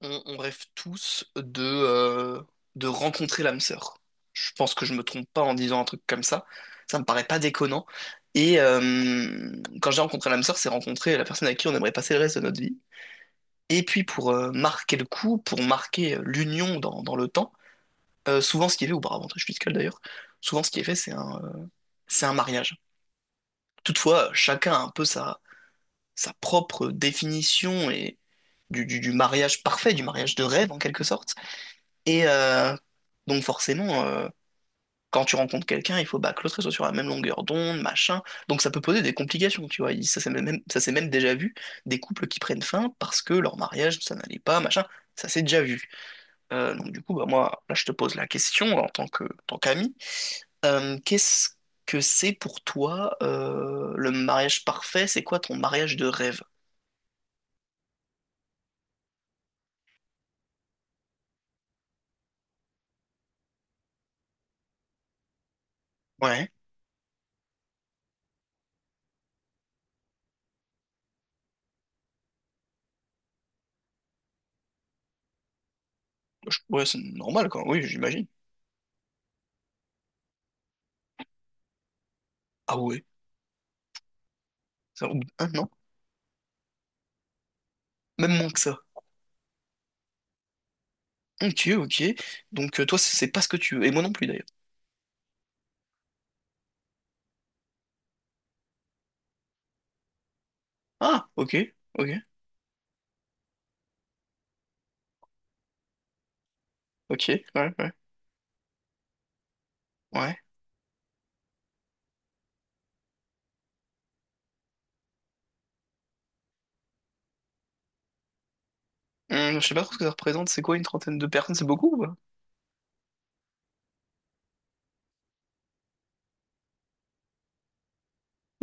On rêve tous de de rencontrer l'âme sœur. Je pense que je me trompe pas en disant un truc comme ça. Ça me paraît pas déconnant. Et euh, Quand j'ai rencontré l'âme sœur, c'est rencontrer la personne avec qui on aimerait passer le reste de notre vie. Et puis pour marquer le coup, pour marquer l'union dans le temps, souvent ce qui est fait, ou par avantage fiscal d'ailleurs, souvent ce qui est fait, c'est un, c'est un mariage. Toutefois, chacun a un peu sa propre définition et du mariage parfait, du mariage de rêve en quelque sorte. Et euh, donc forcément, quand tu rencontres quelqu'un, il faut bah, que l'autre soit sur la même longueur d'onde, machin. Donc ça peut poser des complications, tu vois. Ça s'est même déjà vu, des couples qui prennent fin parce que leur mariage, ça n'allait pas, machin. Ça s'est déjà vu. Donc du coup, bah, moi, là, je te pose la question en tant qu'ami. Qu'est-ce que c'est pour toi le mariage parfait? C'est quoi ton mariage de rêve? Ouais. Ouais, c'est normal, quoi. Oui, j'imagine. Ah ouais, ça, ou- hein, non? Même moins que ça. Ok, ok. Donc toi, c'est pas ce que tu veux. Et moi non plus d'ailleurs. Ah, ok, ok, ok, ouais, ouais, ouais. Je sais pas trop ce que ça représente. C'est quoi une trentaine de personnes? C'est beaucoup ou pas?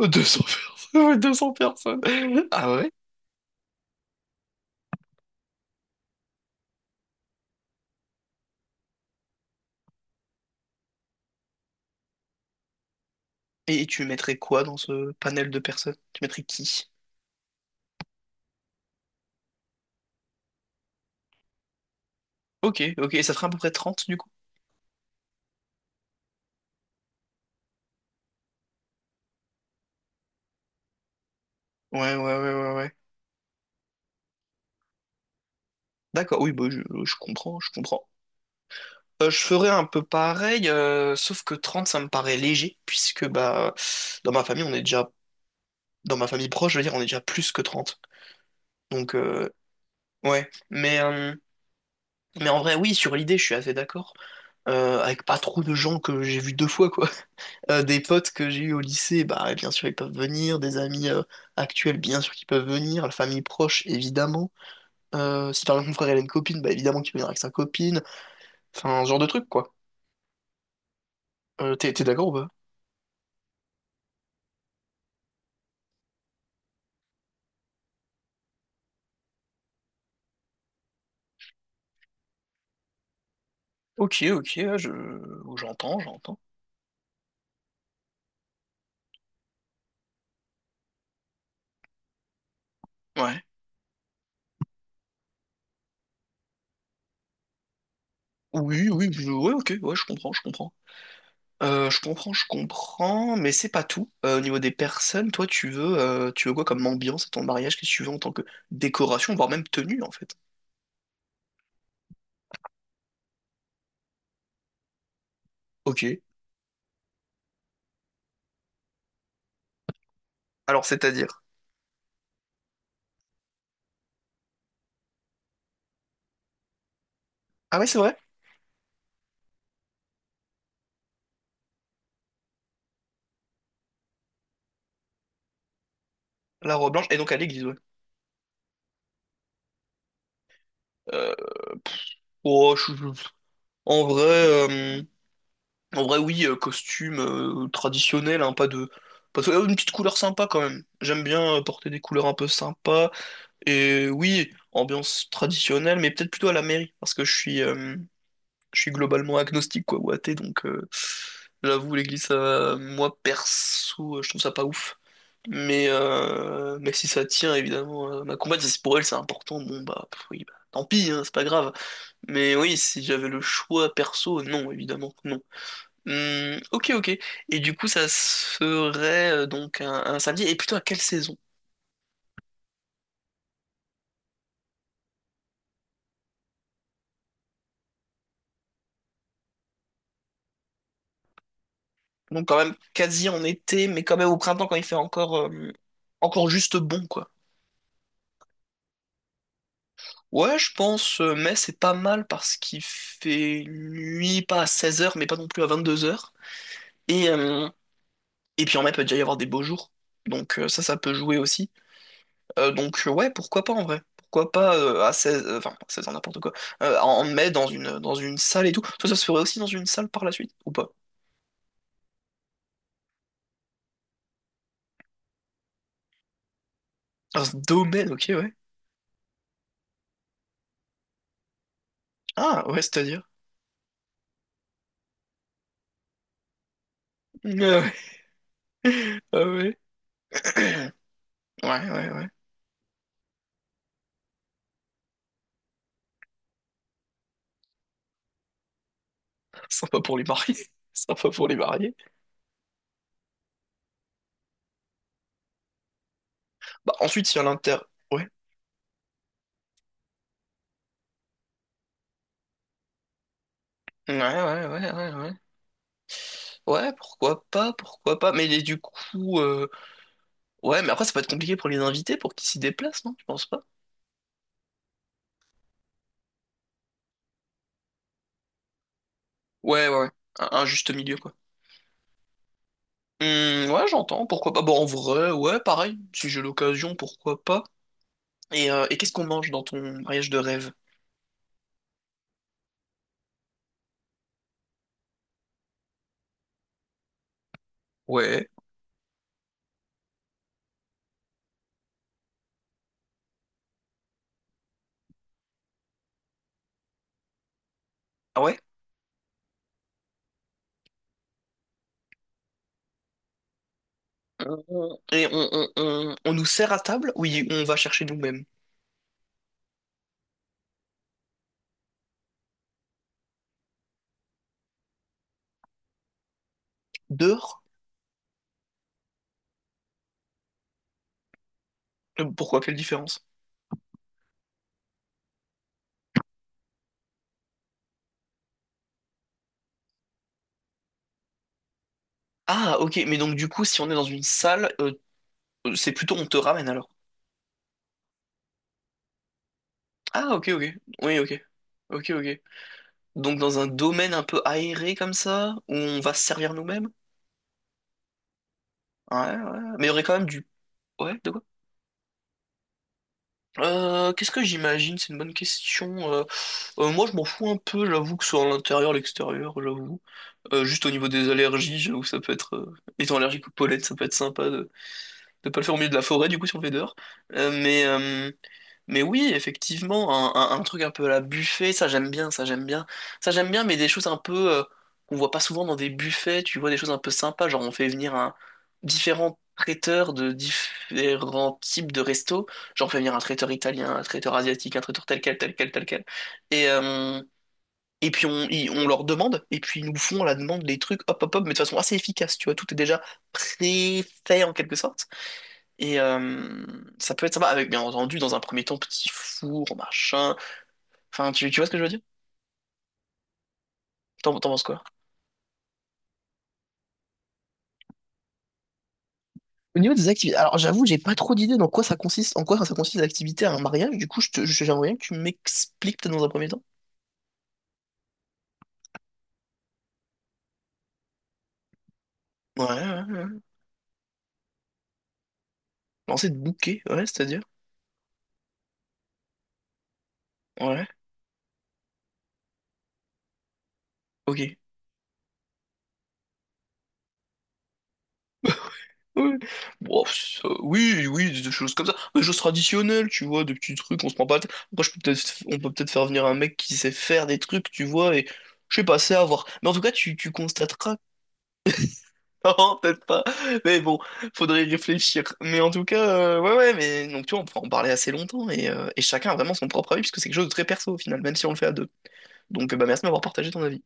200 personnes. 200 personnes. Ah ouais? Et tu mettrais quoi dans ce panel de personnes? Tu mettrais qui? Ok, ok. Et ça ferait à peu près 30 du coup? Ouais, ouais, ouais, ouais, ouais. D'accord, oui, bah, je comprends, je comprends. Je ferais un peu pareil, sauf que 30 ça me paraît léger, puisque bah dans ma famille, on est déjà, dans ma famille proche, je veux dire, on est déjà plus que trente. Donc, euh, ouais. Mais, euh, mais en vrai, oui, sur l'idée, je suis assez d'accord. Avec pas trop de gens que j'ai vus deux fois, quoi. Des potes que j'ai eus au lycée, bah, bien sûr, ils peuvent venir. Des amis actuels, bien sûr, qu'ils peuvent venir. La famille proche, évidemment. Si par exemple mon frère, il a une copine, bah, évidemment qu'il peut venir avec sa copine. Enfin, ce genre de truc, quoi. T'es d'accord ou pas? Ok, ok, ouais, je... j'entends, j'entends. Ouais. Oui, oui, ouais, ok, ouais, je comprends, je comprends. Je comprends, mais c'est pas tout. Au niveau des personnes, toi, tu veux quoi comme ambiance à ton mariage? Qu'est-ce que tu veux en tant que décoration, voire même tenue, en fait? Ok. Alors, c'est-à-dire? Ah ouais, c'est vrai? La robe blanche, et donc à l'église, ouais. Euh, oh, je- je- euh, en vrai, oui, costume traditionnel, hein, pas de... pas de- Une petite couleur sympa, quand même. J'aime bien porter des couleurs un peu sympas, et oui, ambiance traditionnelle, mais peut-être plutôt à la mairie, parce que je suis globalement agnostique quoi ou athée donc j'avoue moi perso je trouve ça pas ouf mais si ça tient évidemment ma compagne si c'est pour elle c'est important, bon bah pff, oui bah, tant pis hein, c'est pas grave. Mais oui si j'avais le choix perso non évidemment non. Ok, ok. Et du coup ça serait un samedi et plutôt à quelle saison? Donc quand même quasi en été mais quand même au printemps quand il fait encore juste bon quoi. Ouais, je pense, mais c'est pas mal parce qu'il fait nuit, pas à 16 heures mais pas non plus à 22 heures. Et, euh, et puis en mai, peut déjà y avoir des beaux jours. Ça, ça peut jouer aussi. Ouais, pourquoi pas en vrai? Pourquoi pas à 16 enfin, à 16 ans, n'importe quoi. En mai, dans une salle et tout. Ça se ferait aussi dans une salle par la suite, ou pas? Dans ce domaine, ok, ouais. Ah, ouais, c'est-à-dire. Ah ouais. Ah ouais. Ouais, ouais, ouais. Sympa pour les mariés. Sympa pour les mariés. Bah ensuite, il y a l'inter... ouais. Ouais, ouais, ouais, ouais, ouais. Ouais, pourquoi pas, pourquoi pas. Mais ouais, mais après, ça peut être compliqué pour les invités, pour qu'ils s'y déplacent, non? Tu penses pas? Ouais, ouais, ouais. Un juste milieu, quoi. Ouais, j'entends, pourquoi pas. Bon, en vrai, ouais, pareil, si j'ai l'occasion, pourquoi pas. Et qu'est-ce qu'on mange dans ton mariage de rêve? Ouais. Ah ouais? On nous sert à table? Oui, on va chercher nous-mêmes. Dehors? Pourquoi? Quelle différence? Ah, ok, mais donc du coup, si on est dans une salle, c'est plutôt on te ramène alors. Ah, ok, ok. Oui, ok. Ok, ok. Donc dans un domaine un peu aéré comme ça, où on va se servir nous-mêmes? Ouais, ouais, ouais. Mais il y aurait quand même du... Ouais, de quoi? Qu'est-ce que j'imagine? C'est une bonne question. Moi, je m'en fous un peu, j'avoue, que ce soit à l'intérieur, l'extérieur, j'avoue. Juste au niveau des allergies, j'avoue, étant allergique aux pollen, ça peut être sympa de ne pas le faire au milieu de la forêt, du coup, si on le fait dehors. Euh, mais... euh, Mais oui, effectivement, un truc un peu à la buffet, ça j'aime bien, ça j'aime bien. Ça j'aime bien, mais des choses un peu qu'on voit pas souvent dans des buffets, tu vois, des choses un peu sympas, genre on fait venir un différents traiteurs de différents types de restos, genre on fait venir un traiteur italien, un traiteur asiatique, un traiteur tel quel, tel quel, tel quel. Et, euh, et puis on leur demande, et puis ils nous font à la demande les trucs, hop, hop, hop, mais de façon assez efficace, tu vois, tout est déjà pré-fait en quelque sorte. Et euh, Ça peut être sympa avec, bien entendu, dans un premier temps, petit four, machin. Enfin, tu vois ce que je veux dire? T'en penses quoi? Au niveau des activités, alors j'avoue, j'ai pas trop d'idées dans quoi ça consiste, en quoi ça consiste l'activité à un mariage. Du coup, j'aimerais bien que tu m'expliques peut-être dans un premier temps. Ouais, ouais, ouais. Lancer de bouquet, ouais, c'est-à-dire? Ouais, ok. Ouais. Bon, ça- oui, oui, des choses comme ça. Des choses traditionnelles, tu vois, des petits trucs, on se prend pas la tête. Après, on peut peut-être faire venir un mec qui sait faire des trucs, tu vois, et je sais pas, c'est à voir. Mais en tout cas, tu constateras non, peut-être pas. Mais bon, faudrait y réfléchir. Mais en tout cas, ouais, mais donc tu vois, on pourra en parler assez longtemps et chacun a vraiment son propre avis puisque c'est quelque chose de très perso au final, même si on le fait à deux. Donc, bah, merci de m'avoir partagé ton avis.